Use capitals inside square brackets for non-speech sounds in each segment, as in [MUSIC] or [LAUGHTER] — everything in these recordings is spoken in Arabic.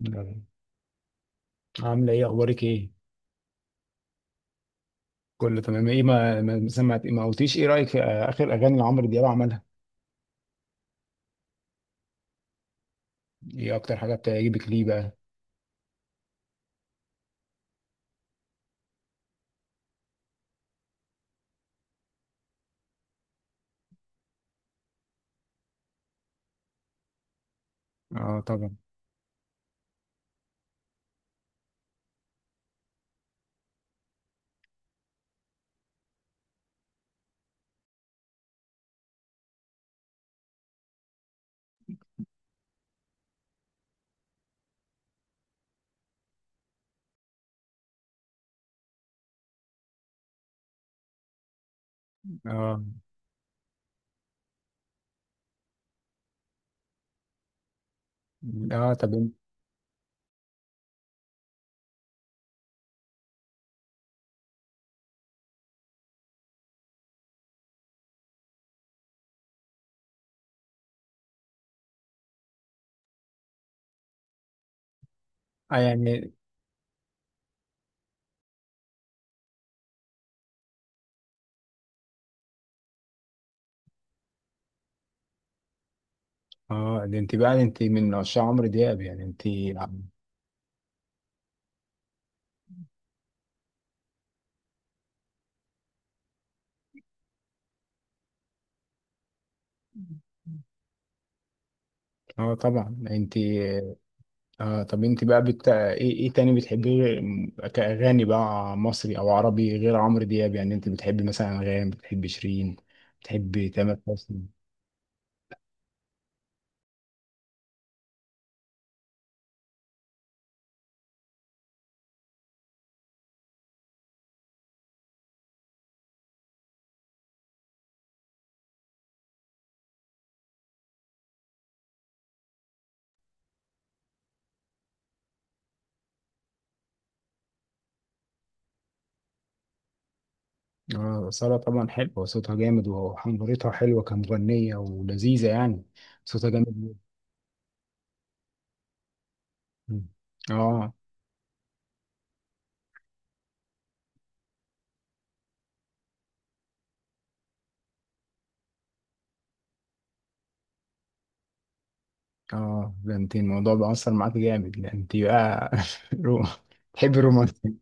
يلا. عاملة ايه، اخبارك ايه؟ كله تمام. ايه، ما سمعت، ما قلتيش ايه رأيك في اخر اغاني لعمرو دياب عملها؟ ايه اكتر حاجة بتعجبك، ليه بقى؟ اه، طبعا. اه، اه، طب اه، يعني. اه، ده انت بقى انت من عشاق عمرو دياب، يعني انت. اه طبعا، انت. اه، طب انت بقى ايه تاني بتحبيه كأغاني بقى، مصري او عربي، غير عمرو دياب، يعني انت بتحبي مثلا انغام، بتحبي شيرين، بتحبي تامر حسني؟ اه، سارة، طبعا حلوة، صوتها جامد وحنجرتها حلوة كمغنية ولذيذة يعني. صوتها جامد موت. مم. اه. اه، ده انت الموضوع بقى أثر معاك جامد، لأن انت بقى [LAUGHS] رو... تحبي الرومانسي.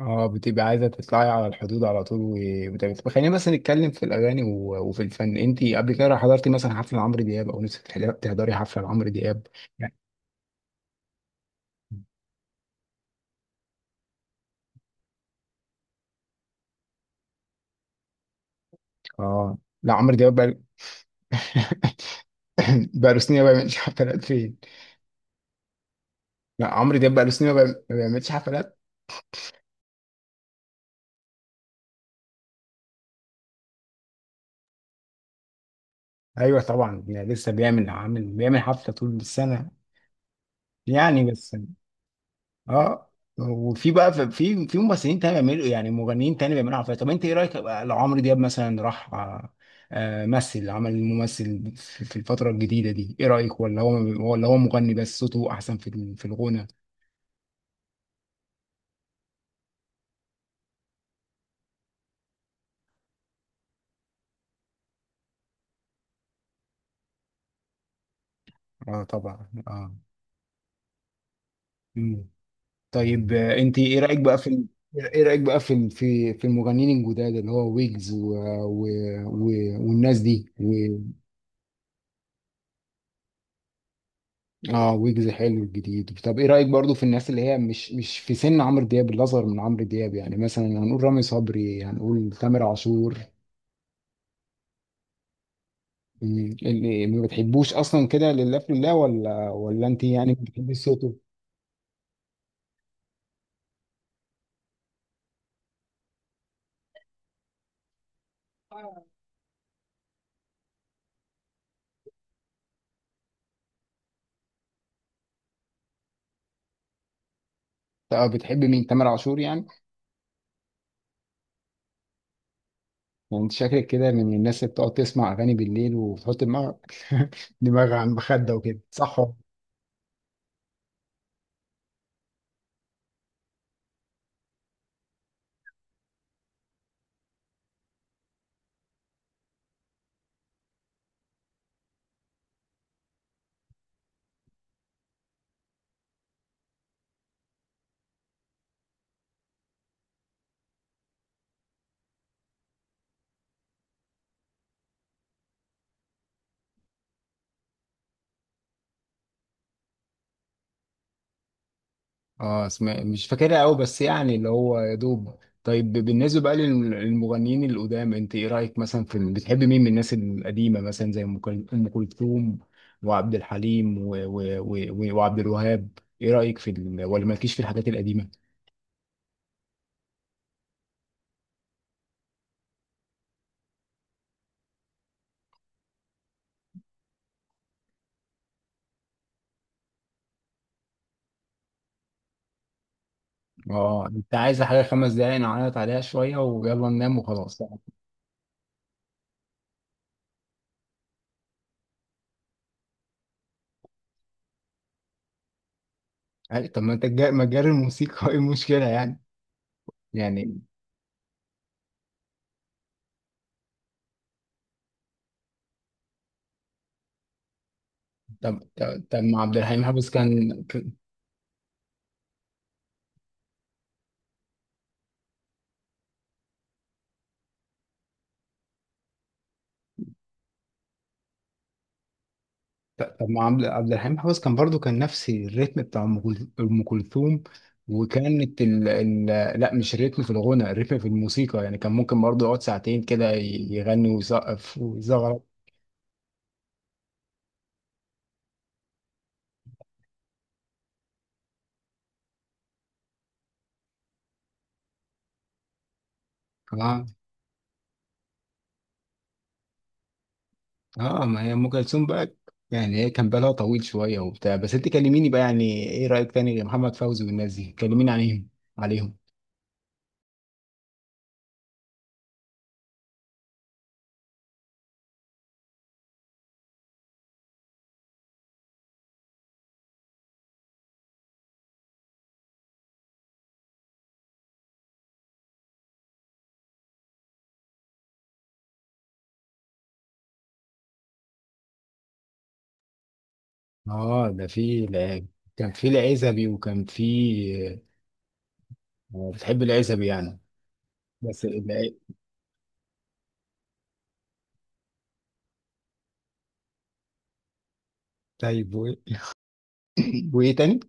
اه، بتبقى عايزة تطلعي على الحدود على طول. وبتبقى، طب خلينا بس نتكلم في الأغاني وفي الفن. انت قبل كده حضرتي مثلا حفلة لعمرو دياب، أو نفسك تحضري حفلة لعمرو دياب؟ يعني؟ اه. لا، عمرو دياب بقى [LAUGHS] بقى له سنين ما بيعملش حفلات فين. لا، عمرو دياب بقاله سنين ما بيعملش حفلات. ايوه طبعا، يعني لسه بيعمل، عامل بيعمل حفله طول السنه يعني بس. اه. وفي بقى في ممثلين تاني بيعملوا، يعني مغنيين تاني بيعملوا حفلات. طب انت ايه رايك بقى لو عمرو دياب مثلا راح مثل، عمل ممثل في الفتره الجديده دي، ايه رايك؟ ولا هو، ولا هو مغني بس صوته احسن في الغنى؟ اه، طبعا. اه، طيب انت ايه رايك بقى ايه رايك بقى في المغنيين الجداد، اللي هو ويجز و... و... والناس دي اه، ويجز حلو الجديد. طب ايه رايك برضو في الناس اللي هي مش في سن عمرو دياب، اللي اصغر من عمرو دياب، يعني مثلا هنقول رامي صبري، هنقول تامر عاشور. اللي ما بتحبوش اصلا كده لله في الله، ولا انت يعني بتحبي صوته؟ طب بتحبي مين، تامر عاشور يعني؟ انت شكلك كده من الناس اللي بتقعد تسمع اغاني بالليل وتحط دماغك [LAUGHS] دماغك على المخدة وكده، صح ولا؟ اه، اسمع، مش فاكرها قوي، بس يعني اللي هو يا دوب. طيب بالنسبة بقى للمغنيين القدام، انت ايه رأيك، مثلا في بتحب مين من الناس القديمة، مثلا زي أم كلثوم، وعبد الحليم وعبد الوهاب. ايه رأيك في ولا مالكيش في الحاجات القديمة؟ اه، انت عايز حاجة 5 دقايق، نعيط عليها شوية ويلا ننام وخلاص. طب ما انت ما تجاري الموسيقى [LAUGHS] ايه المشكلة يعني؟ يعني. طب ما عبد الحليم حافظ طب ما عبد الحليم حافظ كان برضو كان نفس الريتم بتاع أم كلثوم، وكانت لا، مش الريتم في الغنى، الريتم في الموسيقى، يعني كان ممكن برضو يقعد 2 ساعة كده، يغني ويسقف ويزغرط. اه. اه، ما هي ام كلثوم بقى، يعني هي كان بالها طويل شويه وبتاع. بس انت كلميني بقى، يعني ايه رايك تاني غير محمد فوزي والناس دي، كلميني عليهم. عليهم اه، ده كان في العزبي، وكان في بتحب العزبي يعني. بس طيب [LAUGHS] [CLEARS THROAT] وايه تاني؟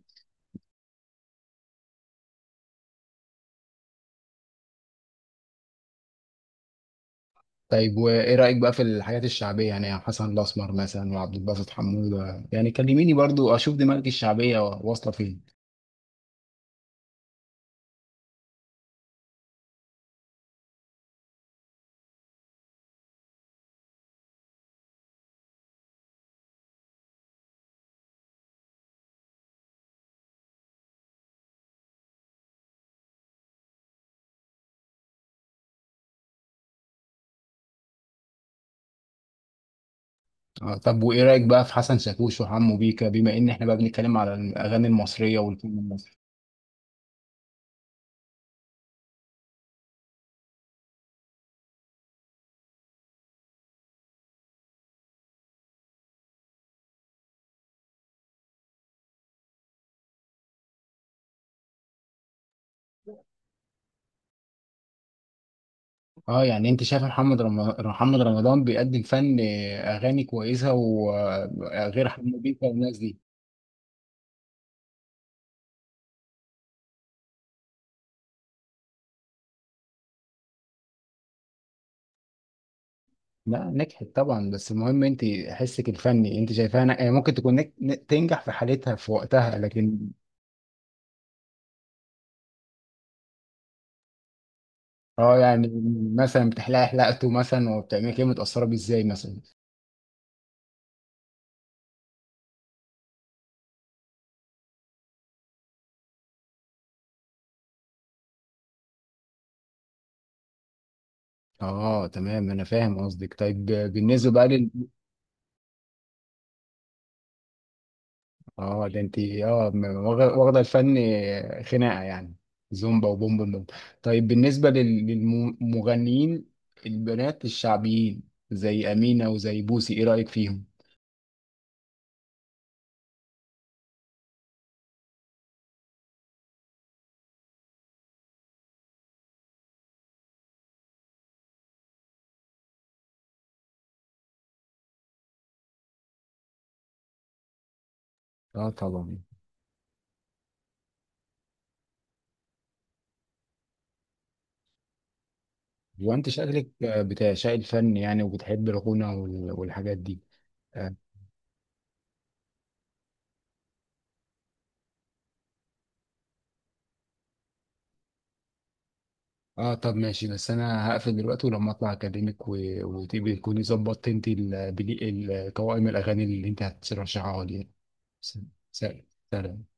طيب وايه رايك بقى في الحاجات الشعبيه، يعني يا حسن الاسمر مثلا، وعبد الباسط حموده يعني؟ كلميني برضو اشوف دماغك الشعبيه واصله فين. طب وايه رايك بقى في حسن شاكوش وحمو بيكا، بما ان احنا بقى بنتكلم على الاغاني المصريه والفن المصري؟ اه، يعني انت شايف محمد رمضان بيقدم فن اغاني كويسه، وغير حمو بيكا والناس دي؟ لا، نجحت طبعا، بس المهم انت حسك الفني انت شايفاها يعني ممكن تكون تنجح في حالتها، في وقتها، لكن. اه، يعني مثلا بتحلقي حلقته مثلا وبتعملي كده متأثرة بيه ازاي مثلا؟ اه، تمام، انا فاهم قصدك. طيب بالنسبة بقى لل. اه، ده انت واخدة الفن خناقة يعني. زومبا وبوم بوم بوم. طيب بالنسبة للمغنيين البنات الشعبيين، زي أمينة وزي بوسي، ايه رأيك فيهم؟ اه طبعا. وانت شكلك بتاع شايل فن يعني، وبتحب الغنى والحاجات دي. اه، طب ماشي، بس انا هقفل دلوقتي، ولما اطلع اكلمك وتبقي تكوني ظبطت انت قوائم الاغاني اللي انت هترشحها لي. س- سلام سلام.